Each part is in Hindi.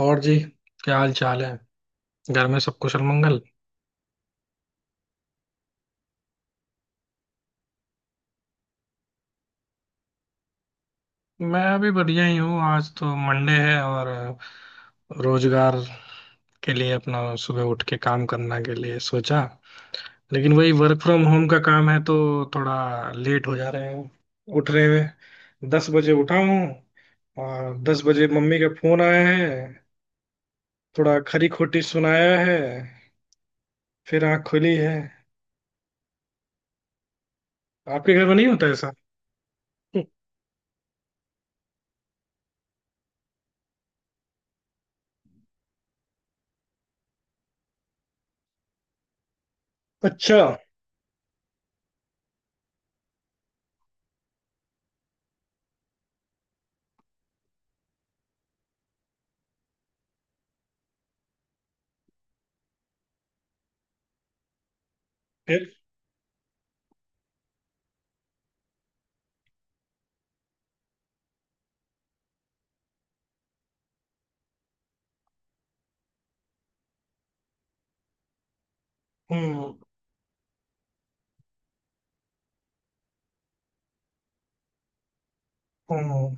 और जी, क्या हाल चाल है। घर में सब कुशल मंगल। मैं अभी बढ़िया ही हूँ। आज तो मंडे है और रोजगार के लिए अपना सुबह उठ के काम करने के लिए सोचा, लेकिन वही वर्क फ्रॉम होम का काम है, तो थोड़ा लेट हो जा रहे हैं। उठ रहे हुए 10 बजे उठा हूँ, और 10 बजे मम्मी का फोन आया है। थोड़ा खरी खोटी सुनाया है, फिर आँख खुली है। आपके घर में नहीं होता ऐसा? अच्छा। फिर। हम्म। हम्म।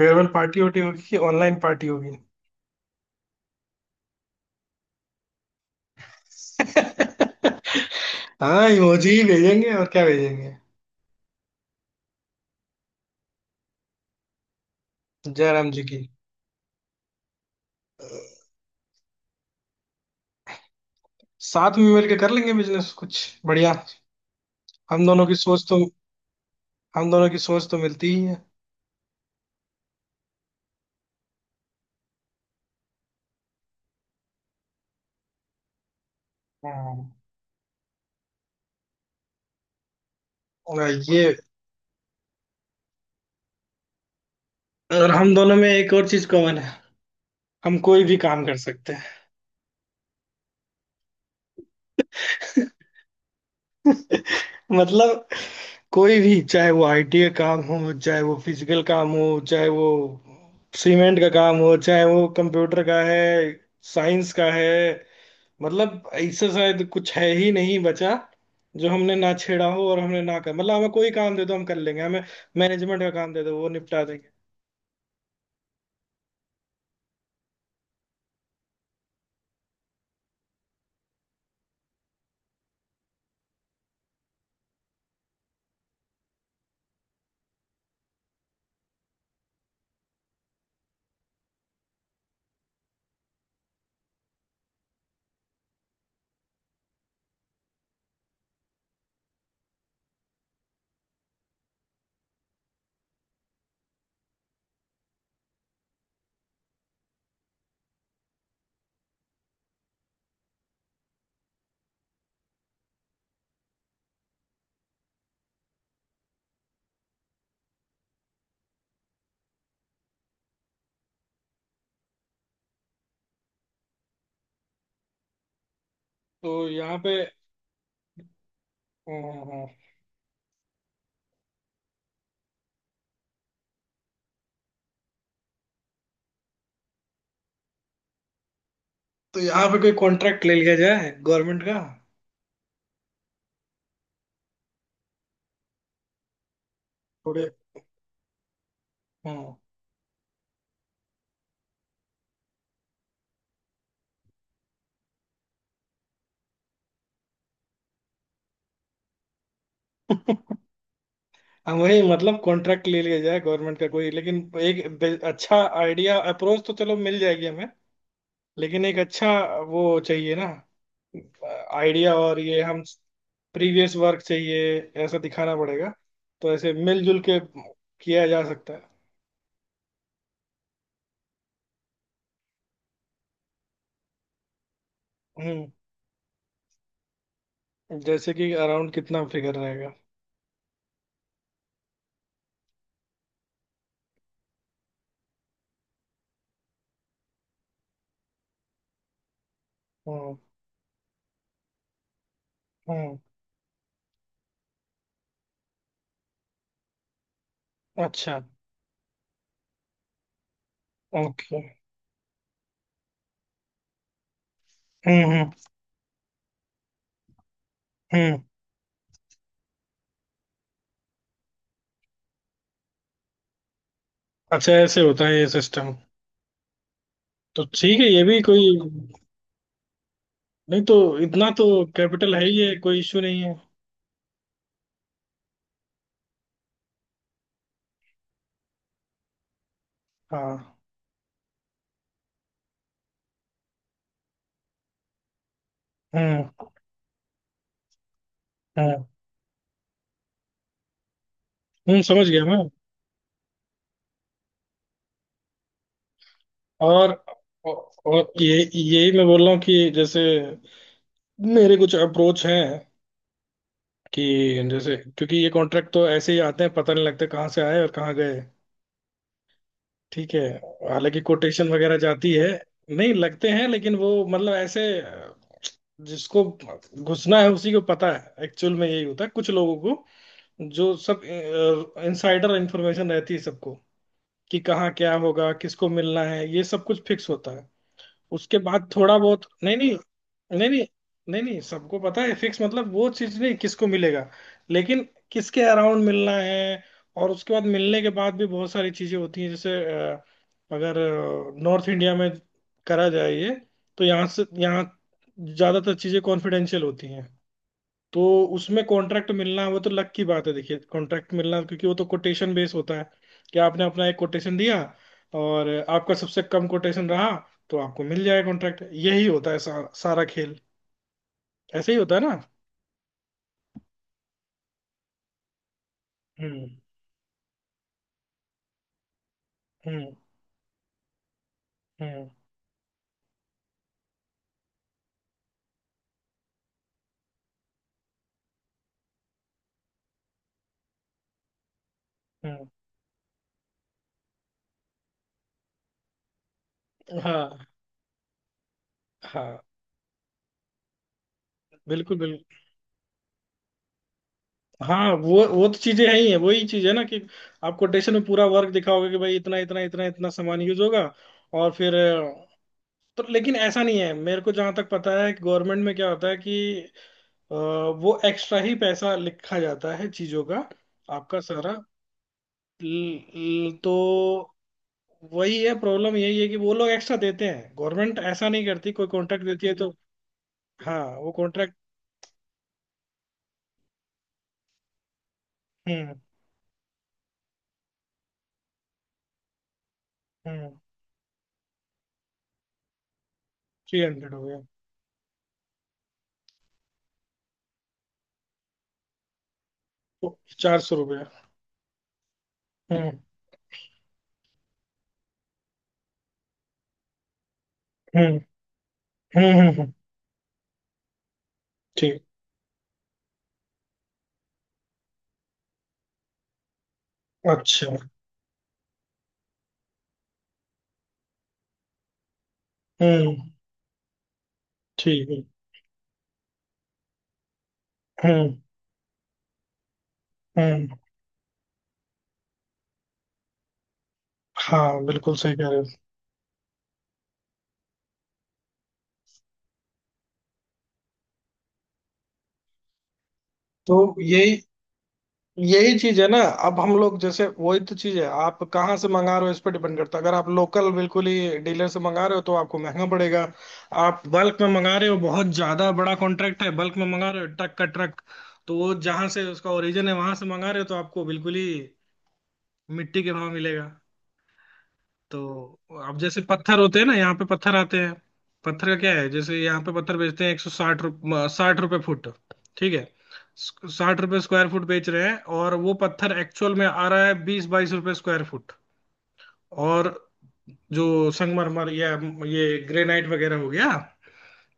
फेयरवेल पार्टी होटी होगी कि ऑनलाइन पार्टी होगी? हाँ, इमोजी ही भेजेंगे, और क्या भेजेंगे। जयराम जी की। साथ में मिलकर कर लेंगे बिजनेस कुछ। बढ़िया। हम दोनों की सोच तो, हम दोनों की सोच तो मिलती ही है। हम्म। और ये और हम दोनों में एक और चीज कॉमन है, हम कोई भी काम कर सकते हैं। मतलब कोई भी, चाहे वो आईटी का काम हो, चाहे वो फिजिकल काम हो, चाहे वो सीमेंट का काम हो, चाहे वो कंप्यूटर का है, साइंस का है। मतलब ऐसा शायद कुछ है ही नहीं बचा जो हमने ना छेड़ा हो, और हमने ना कर, मतलब हमें कोई काम दे दो, हम कर लेंगे। हमें मैनेजमेंट का काम दे दो, वो निपटा देंगे। तो यहाँ पे। हाँ, हाँ, हाँ। तो यहाँ पे कोई कॉन्ट्रैक्ट ले लिया जाए गवर्नमेंट का। थोड़े। हाँ। हाँ वही, मतलब कॉन्ट्रैक्ट ले लिया जाए गवर्नमेंट का कोई, लेकिन एक अच्छा आइडिया, अप्रोच तो चलो मिल जाएगी हमें, लेकिन एक अच्छा वो चाहिए ना, आइडिया। और ये हम प्रीवियस वर्क चाहिए, ऐसा दिखाना पड़ेगा। तो ऐसे मिलजुल के किया जा सकता है। हम्म। जैसे कि अराउंड कितना फिगर रहेगा? हम्म। हम्म। अच्छा। ओके। हम्म हम्म हम्म। अच्छा, ऐसे होता है ये सिस्टम। तो ठीक है, ये भी कोई। नहीं तो इतना तो कैपिटल है ही है, कोई इश्यू नहीं है। हाँ। हम्म। हम्म। समझ गया मैं। और। और ये यही मैं बोल रहा हूँ कि जैसे मेरे कुछ अप्रोच हैं, कि जैसे, क्योंकि ये कॉन्ट्रैक्ट तो ऐसे ही आते हैं, पता नहीं लगता कहाँ से आए और कहाँ गए। ठीक है, हालांकि कोटेशन वगैरह जाती है। नहीं लगते हैं, लेकिन वो मतलब ऐसे जिसको घुसना है उसी को पता है, एक्चुअल में यही होता है। कुछ लोगों को जो सब इनसाइडर इंफॉर्मेशन रहती है सबको, कि कहाँ क्या होगा, किसको मिलना है, ये सब कुछ फिक्स होता है। उसके बाद थोड़ा बहुत, नहीं नहीं नहीं नहीं। नहीं नहीं, सबको पता है, फिक्स मतलब वो चीज नहीं, किसको मिलेगा, लेकिन किसके अराउंड मिलना है। और उसके बाद मिलने के बाद भी बहुत सारी चीजें होती हैं जैसे, अ, अगर नॉर्थ इंडिया में करा जाए ये, तो यहाँ से यहाँ ज्यादातर चीजें कॉन्फिडेंशियल होती हैं। तो उसमें कॉन्ट्रैक्ट मिलना वो तो लक की बात है, देखिए कॉन्ट्रैक्ट मिलना, क्योंकि वो तो कोटेशन बेस होता है कि आपने अपना एक कोटेशन दिया, और आपका सबसे कम कोटेशन रहा, तो आपको मिल जाएगा कॉन्ट्रैक्ट। यही होता है सारा, सारा खेल। ऐसे ही होता है ना? हम्म। हम्म। हम्म। हम्म। हाँ। हाँ, बिल्कुल बिल्कुल। हाँ वो तो चीजें हैं ही है, वही चीज है ना कि आप कोटेशन में पूरा वर्क दिखाओगे कि भाई इतना इतना इतना इतना सामान यूज होगा। और फिर, तो लेकिन ऐसा नहीं है। मेरे को जहां तक पता है गवर्नमेंट में क्या होता है कि वो एक्स्ट्रा ही पैसा लिखा जाता है चीजों का। आपका सारा तो वही है प्रॉब्लम, यही है कि वो लोग एक्स्ट्रा देते हैं। गवर्नमेंट ऐसा नहीं करती, कोई कॉन्ट्रैक्ट देती है तो। हाँ वो कॉन्ट्रैक्ट। हम्म। हम्म। 300 हो गया। तो 400 रुपया। हम्म। हम्म। हम्म। ठीक। अच्छा। हम्म। ठीक है। हम्म। हम्म। हाँ, बिल्कुल सही कह रहे हो। तो यही, यही चीज है ना। अब हम लोग जैसे, वही तो चीज है, आप कहाँ से मंगा रहे हो इस पर डिपेंड करता है। अगर आप लोकल बिल्कुल ही डीलर से मंगा रहे हो तो आपको महंगा पड़ेगा। आप बल्क में मंगा रहे हो, बहुत ज्यादा बड़ा कॉन्ट्रैक्ट है, बल्क में मंगा रहे हो ट्रक का ट्रक, तो वो जहाँ से उसका ओरिजिन है वहां से मंगा रहे हो, तो आपको बिल्कुल ही मिट्टी के भाव मिलेगा। तो अब जैसे पत्थर होते हैं ना, यहाँ पे पत्थर आते हैं। पत्थर का क्या है, जैसे यहाँ पे पत्थर बेचते हैं 160 रुपये, 60 रुपये फुट। ठीक है, 60 रुपए स्क्वायर फुट बेच रहे हैं, और वो पत्थर एक्चुअल में आ रहा है 20-22 रुपए स्क्वायर फुट। और जो संगमरमर या ये ग्रेनाइट वगैरह हो गया,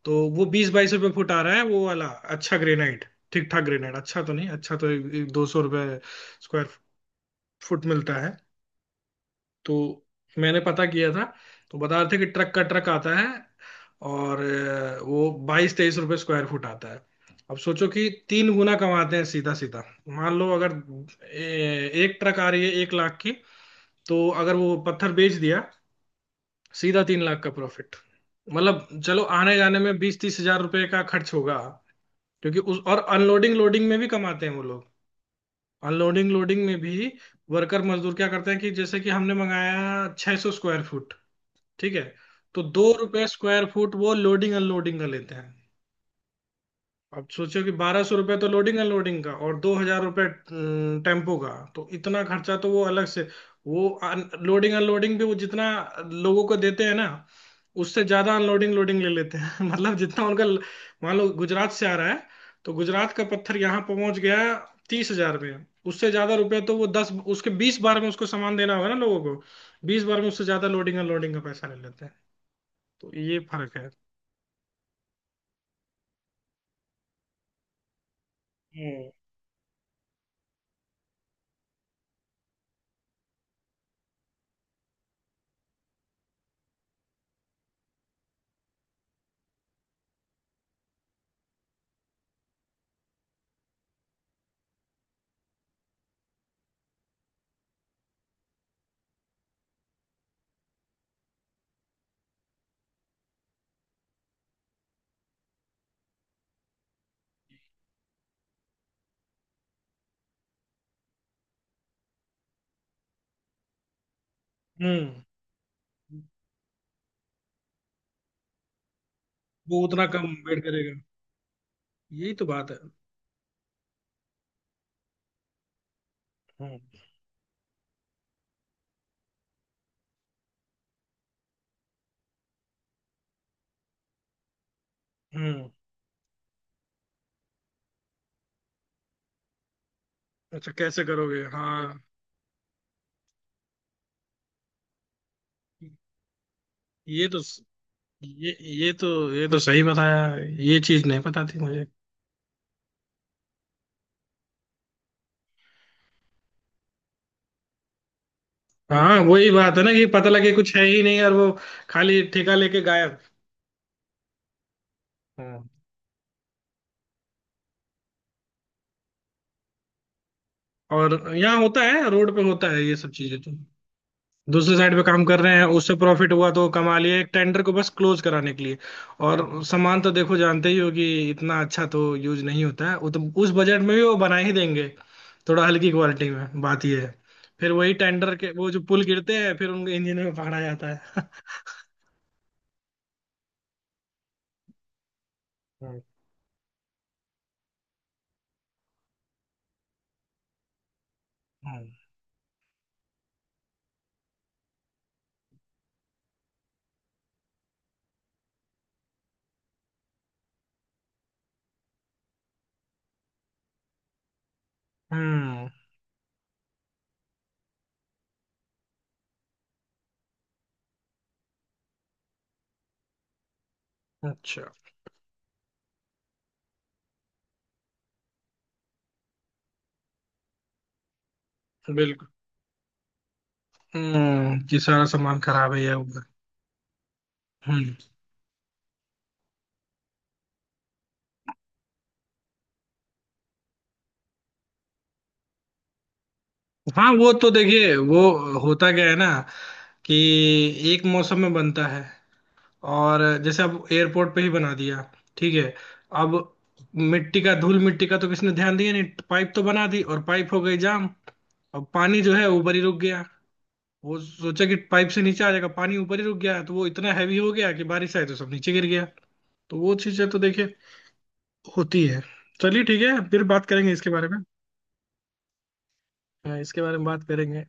तो वो 20-22 रुपए फुट आ रहा है वो वाला। अच्छा ग्रेनाइट, ठीक ठाक ग्रेनाइट, अच्छा तो नहीं, अच्छा तो 200 रुपए स्क्वायर फुट मिलता है। तो मैंने पता किया था, तो बता रहे थे कि ट्रक का ट्रक आता है, और वो 22-23 रुपए स्क्वायर फुट आता है। अब सोचो कि 3 गुना कमाते हैं सीधा सीधा। मान लो, अगर एक ट्रक आ रही है 1 लाख की, तो अगर वो पत्थर बेच दिया, सीधा 3 लाख का प्रॉफिट। मतलब चलो, आने जाने में 20-30 हज़ार रुपए का खर्च होगा, क्योंकि उस और अनलोडिंग लोडिंग में भी कमाते हैं वो लोग। अनलोडिंग लोडिंग में भी वर्कर मजदूर क्या करते हैं कि जैसे कि हमने मंगाया 600 स्क्वायर फुट, ठीक है, तो 2 रुपए स्क्वायर फुट वो लोडिंग अनलोडिंग का लेते हैं। अब सोचो कि 1,200 रुपये तो लोडिंग अनलोडिंग का, और 2,000 रुपये टेम्पो का, तो इतना खर्चा तो वो अलग से। वो लोडिंग अनलोडिंग भी वो जितना लोगों को देते हैं ना, उससे ज्यादा अनलोडिंग लोडिंग ले लेते हैं। मतलब जितना उनका, मान लो गुजरात से आ रहा है, तो गुजरात का पत्थर यहाँ पहुंच गया 30,000 में, उससे ज्यादा रुपए तो वो दस उसके 20 बार में उसको सामान देना होगा ना लोगों को। 20 बार में उससे ज्यादा लोडिंग अनलोडिंग का पैसा ले लेते हैं, तो ये फर्क है। हम्म। हम्म, वो उतना कम वेट करेगा। यही तो बात है। हम्म। हम्म, अच्छा कैसे करोगे हाँ। ये तो ये ये तो ये तो सही बताया, ये चीज नहीं पता थी मुझे। हाँ वही बात है ना, कि पता लगे कुछ है ही नहीं, और वो खाली ठेका लेके गायब। हाँ। और यहाँ होता है, रोड पे होता है, ये सब चीजें तो। दूसरे साइड पे काम कर रहे हैं, उससे प्रॉफिट हुआ तो कमा लिए, एक टेंडर को बस क्लोज कराने के लिए। और सामान तो देखो जानते ही हो, कि इतना अच्छा तो यूज नहीं होता है, वो तो उस बजट में भी वो बना ही देंगे। थोड़ा हल्की क्वालिटी में, बात ये है। फिर वही टेंडर के वो जो पुल गिरते हैं, फिर उनके इंजन में पकड़ा जाता है। हम्म, हम्म। हम्म। अच्छा। बिल्कुल। कि सारा सामान खराब है या होगा। हम्म। हाँ वो तो देखिए, वो होता क्या है ना, कि एक मौसम में बनता है। और जैसे अब एयरपोर्ट पे ही बना दिया, ठीक है, अब मिट्टी का, धूल मिट्टी का तो किसने ध्यान दिया नहीं। पाइप तो बना दी, और पाइप हो गई जाम, अब पानी जो है ऊपर ही रुक गया। वो सोचा कि पाइप से नीचे आ जाएगा, पानी ऊपर ही रुक गया, तो वो इतना हैवी हो गया कि बारिश आई तो सब नीचे गिर गया। तो वो चीजें तो देखिए होती है। चलिए ठीक है, फिर बात करेंगे इसके बारे में। हाँ, इसके बारे में बात करेंगे।